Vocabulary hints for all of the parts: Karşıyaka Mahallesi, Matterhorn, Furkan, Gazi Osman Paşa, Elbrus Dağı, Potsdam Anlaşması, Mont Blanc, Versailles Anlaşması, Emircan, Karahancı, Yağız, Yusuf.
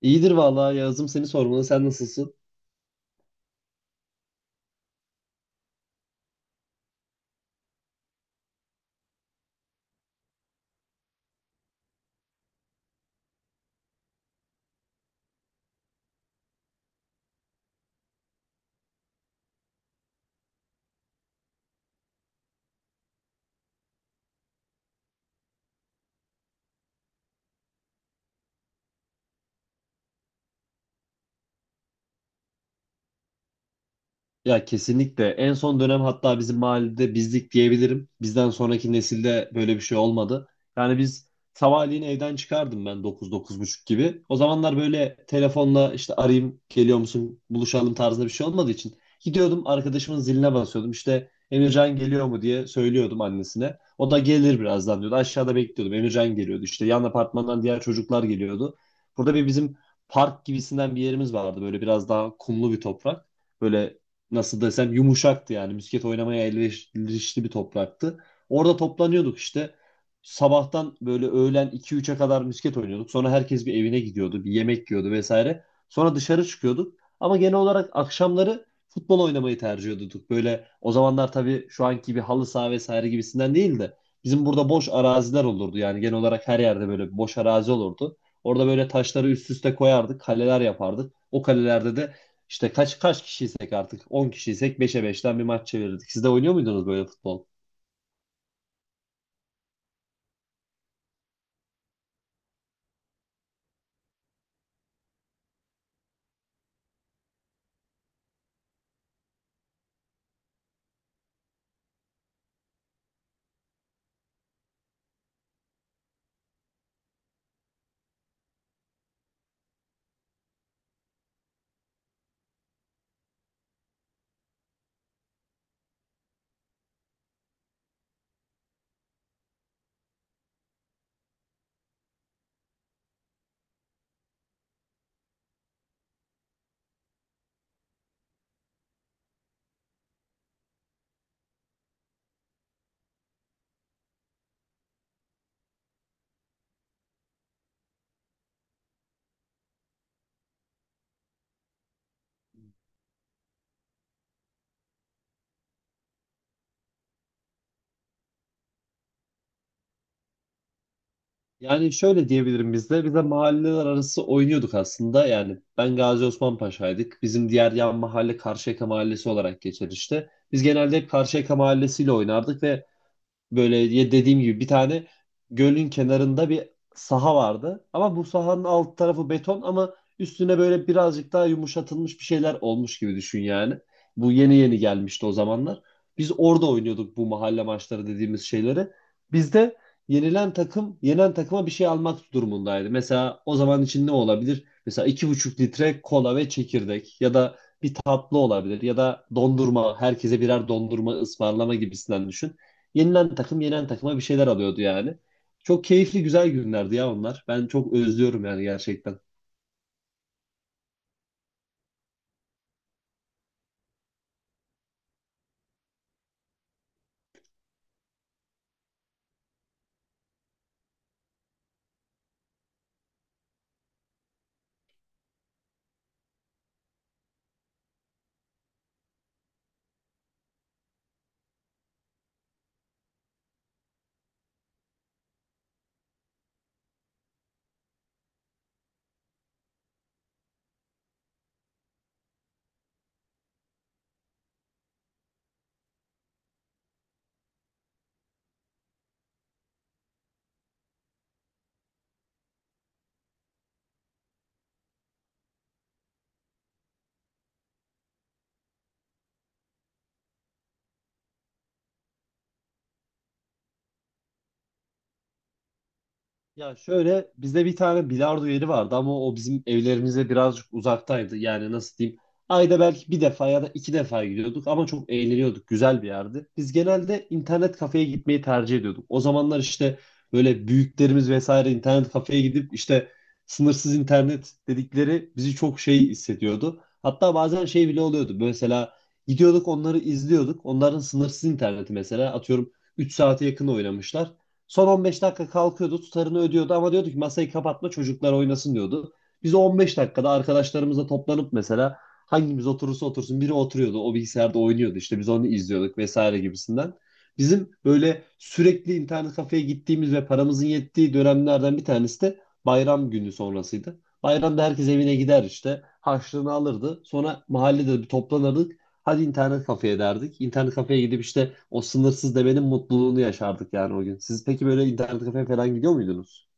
İyidir vallahi Yağız'ım seni sormalı. Sen nasılsın? Ya kesinlikle. En son dönem hatta bizim mahallede bizlik diyebilirim. Bizden sonraki nesilde böyle bir şey olmadı. Yani biz sabahleyin evden çıkardım ben 9, 9 buçuk gibi. O zamanlar böyle telefonla işte arayayım geliyor musun buluşalım tarzında bir şey olmadığı için. Gidiyordum arkadaşımın ziline basıyordum. İşte Emircan geliyor mu diye söylüyordum annesine. O da gelir birazdan diyordu. Aşağıda bekliyordum. Emircan geliyordu. İşte yan apartmandan diğer çocuklar geliyordu. Burada bir bizim park gibisinden bir yerimiz vardı. Böyle biraz daha kumlu bir toprak. Böyle nasıl desem yumuşaktı, yani misket oynamaya elverişli bir topraktı. Orada toplanıyorduk işte. Sabahtan böyle öğlen 2, 3'e kadar misket oynuyorduk. Sonra herkes bir evine gidiyordu, bir yemek yiyordu vesaire. Sonra dışarı çıkıyorduk. Ama genel olarak akşamları futbol oynamayı tercih ediyorduk. Böyle o zamanlar tabii şu anki gibi halı saha vesaire gibisinden değil de bizim burada boş araziler olurdu. Yani genel olarak her yerde böyle boş arazi olurdu. Orada böyle taşları üst üste koyardık, kaleler yapardık. O kalelerde de işte kaç kişiysek artık 10 kişiysek 5'e 5'ten bir maç çevirirdik. Siz de oynuyor muydunuz böyle futbol? Yani şöyle diyebilirim biz de mahalleler arası oynuyorduk aslında. Yani ben Gazi Osman Paşa'ydık. Bizim diğer yan mahalle Karşıyaka Mahallesi olarak geçer işte. Biz genelde hep Karşıyaka Mahallesi'yle oynardık ve böyle ya dediğim gibi bir tane gölün kenarında bir saha vardı. Ama bu sahanın alt tarafı beton ama üstüne böyle birazcık daha yumuşatılmış bir şeyler olmuş gibi düşün yani. Bu yeni yeni gelmişti o zamanlar. Biz orada oynuyorduk bu mahalle maçları dediğimiz şeyleri. Bizde yenilen takım yenen takıma bir şey almak durumundaydı. Mesela o zaman için ne olabilir? Mesela 2,5 litre kola ve çekirdek ya da bir tatlı olabilir ya da dondurma, herkese birer dondurma ısmarlama gibisinden düşün. Yenilen takım yenilen takıma bir şeyler alıyordu yani. Çok keyifli güzel günlerdi ya onlar. Ben çok özlüyorum yani gerçekten. Ya şöyle, bizde bir tane bilardo yeri vardı ama o bizim evlerimize birazcık uzaktaydı. Yani nasıl diyeyim? Ayda belki bir defa ya da iki defa gidiyorduk ama çok eğleniyorduk. Güzel bir yerdi. Biz genelde internet kafeye gitmeyi tercih ediyorduk. O zamanlar işte böyle büyüklerimiz vesaire internet kafeye gidip işte sınırsız internet dedikleri bizi çok şey hissediyordu. Hatta bazen şey bile oluyordu. Mesela gidiyorduk onları izliyorduk. Onların sınırsız interneti mesela atıyorum 3 saate yakın oynamışlar. Son 15 dakika kalkıyordu, tutarını ödüyordu ama diyordu ki masayı kapatma çocuklar oynasın diyordu. Biz o 15 dakikada arkadaşlarımızla toplanıp mesela hangimiz oturursa otursun biri oturuyordu o bilgisayarda oynuyordu işte biz onu izliyorduk vesaire gibisinden. Bizim böyle sürekli internet kafeye gittiğimiz ve paramızın yettiği dönemlerden bir tanesi de bayram günü sonrasıydı. Bayramda herkes evine gider işte harçlığını alırdı. Sonra mahallede bir toplanırdık. Hadi internet kafeye derdik. İnternet kafeye gidip işte o sınırsız demenin mutluluğunu yaşardık yani o gün. Siz peki böyle internet kafeye falan gidiyor muydunuz?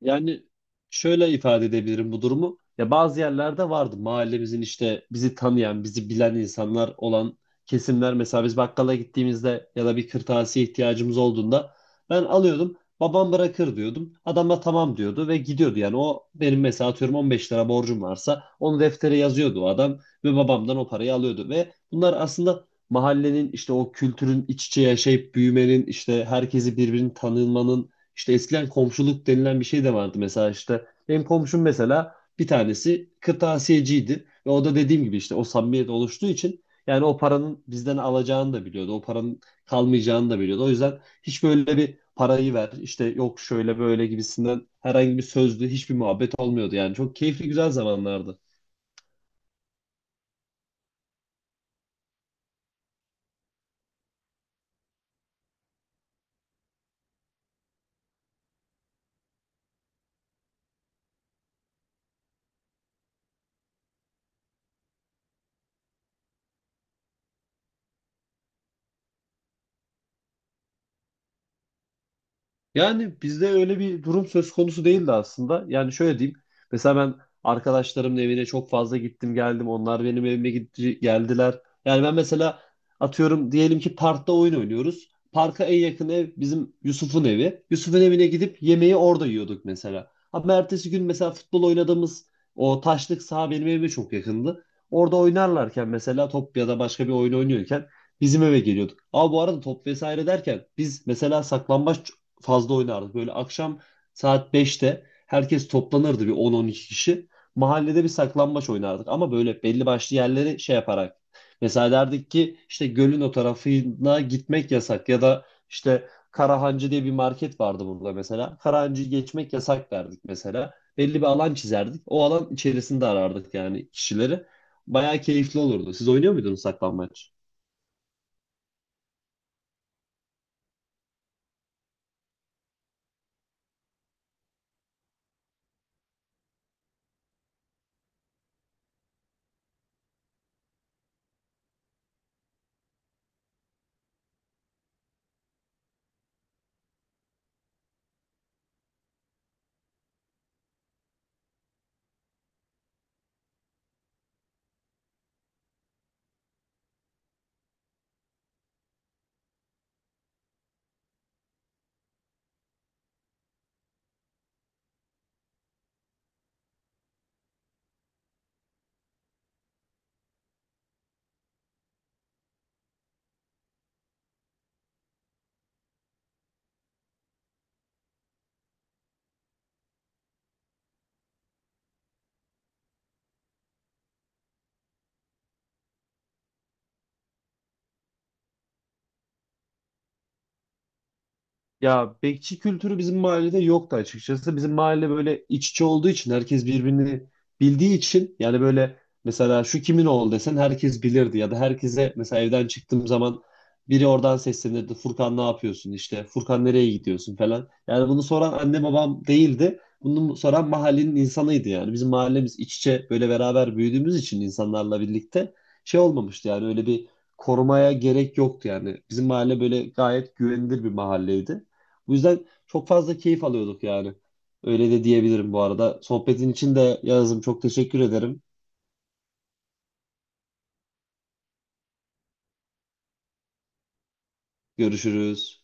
Yani şöyle ifade edebilirim bu durumu. Ya bazı yerlerde vardı, mahallemizin işte bizi tanıyan, bizi bilen insanlar olan kesimler. Mesela biz bakkala gittiğimizde ya da bir kırtasiye ihtiyacımız olduğunda ben alıyordum. Babam bırakır diyordum. Adam da tamam diyordu ve gidiyordu. Yani o benim mesela atıyorum 15 lira borcum varsa onu deftere yazıyordu o adam ve babamdan o parayı alıyordu. Ve bunlar aslında mahallenin işte o kültürün iç içe yaşayıp büyümenin işte herkesi birbirini tanımanın işte eskiden komşuluk denilen bir şey de vardı. Mesela işte benim komşum mesela bir tanesi kırtasiyeciydi. Ve o da dediğim gibi işte o samimiyet oluştuğu için yani o paranın bizden alacağını da biliyordu. O paranın kalmayacağını da biliyordu. O yüzden hiç böyle bir parayı ver işte yok şöyle böyle gibisinden herhangi bir sözlü hiçbir muhabbet olmuyordu. Yani çok keyifli güzel zamanlardı. Yani bizde öyle bir durum söz konusu değildi aslında. Yani şöyle diyeyim. Mesela ben arkadaşlarımın evine çok fazla gittim geldim. Onlar benim evime gitti, geldiler. Yani ben mesela atıyorum, diyelim ki parkta oyun oynuyoruz. Parka en yakın ev bizim Yusuf'un evi. Yusuf'un evine gidip yemeği orada yiyorduk mesela. Ama ertesi gün mesela futbol oynadığımız o taşlık saha benim evime çok yakındı. Orada oynarlarken mesela top ya da başka bir oyun oynuyorken bizim eve geliyorduk. Ama bu arada top vesaire derken biz mesela saklambaç fazla oynardı. Böyle akşam saat 5'te herkes toplanırdı bir 10, 12 kişi. Mahallede bir saklambaç oynardık ama böyle belli başlı yerleri şey yaparak. Mesela derdik ki işte gölün o tarafına gitmek yasak ya da işte Karahancı diye bir market vardı burada mesela. Karahancı'yı geçmek yasak derdik mesela. Belli bir alan çizerdik. O alan içerisinde arardık yani kişileri. Bayağı keyifli olurdu. Siz oynuyor muydunuz saklambaç? Ya bekçi kültürü bizim mahallede yoktu açıkçası. Bizim mahalle böyle iç içe olduğu için herkes birbirini bildiği için yani böyle mesela şu kimin oğlu desen herkes bilirdi ya da herkese mesela evden çıktığım zaman biri oradan seslenirdi. Furkan ne yapıyorsun işte Furkan nereye gidiyorsun falan. Yani bunu soran anne babam değildi. Bunu soran mahallenin insanıydı yani. Bizim mahallemiz iç içe böyle beraber büyüdüğümüz için insanlarla birlikte şey olmamıştı yani öyle bir korumaya gerek yoktu yani. Bizim mahalle böyle gayet güvenilir bir mahalleydi. Bu yüzden çok fazla keyif alıyorduk yani. Öyle de diyebilirim bu arada. Sohbetin için de Yağız'ım çok teşekkür ederim. Görüşürüz.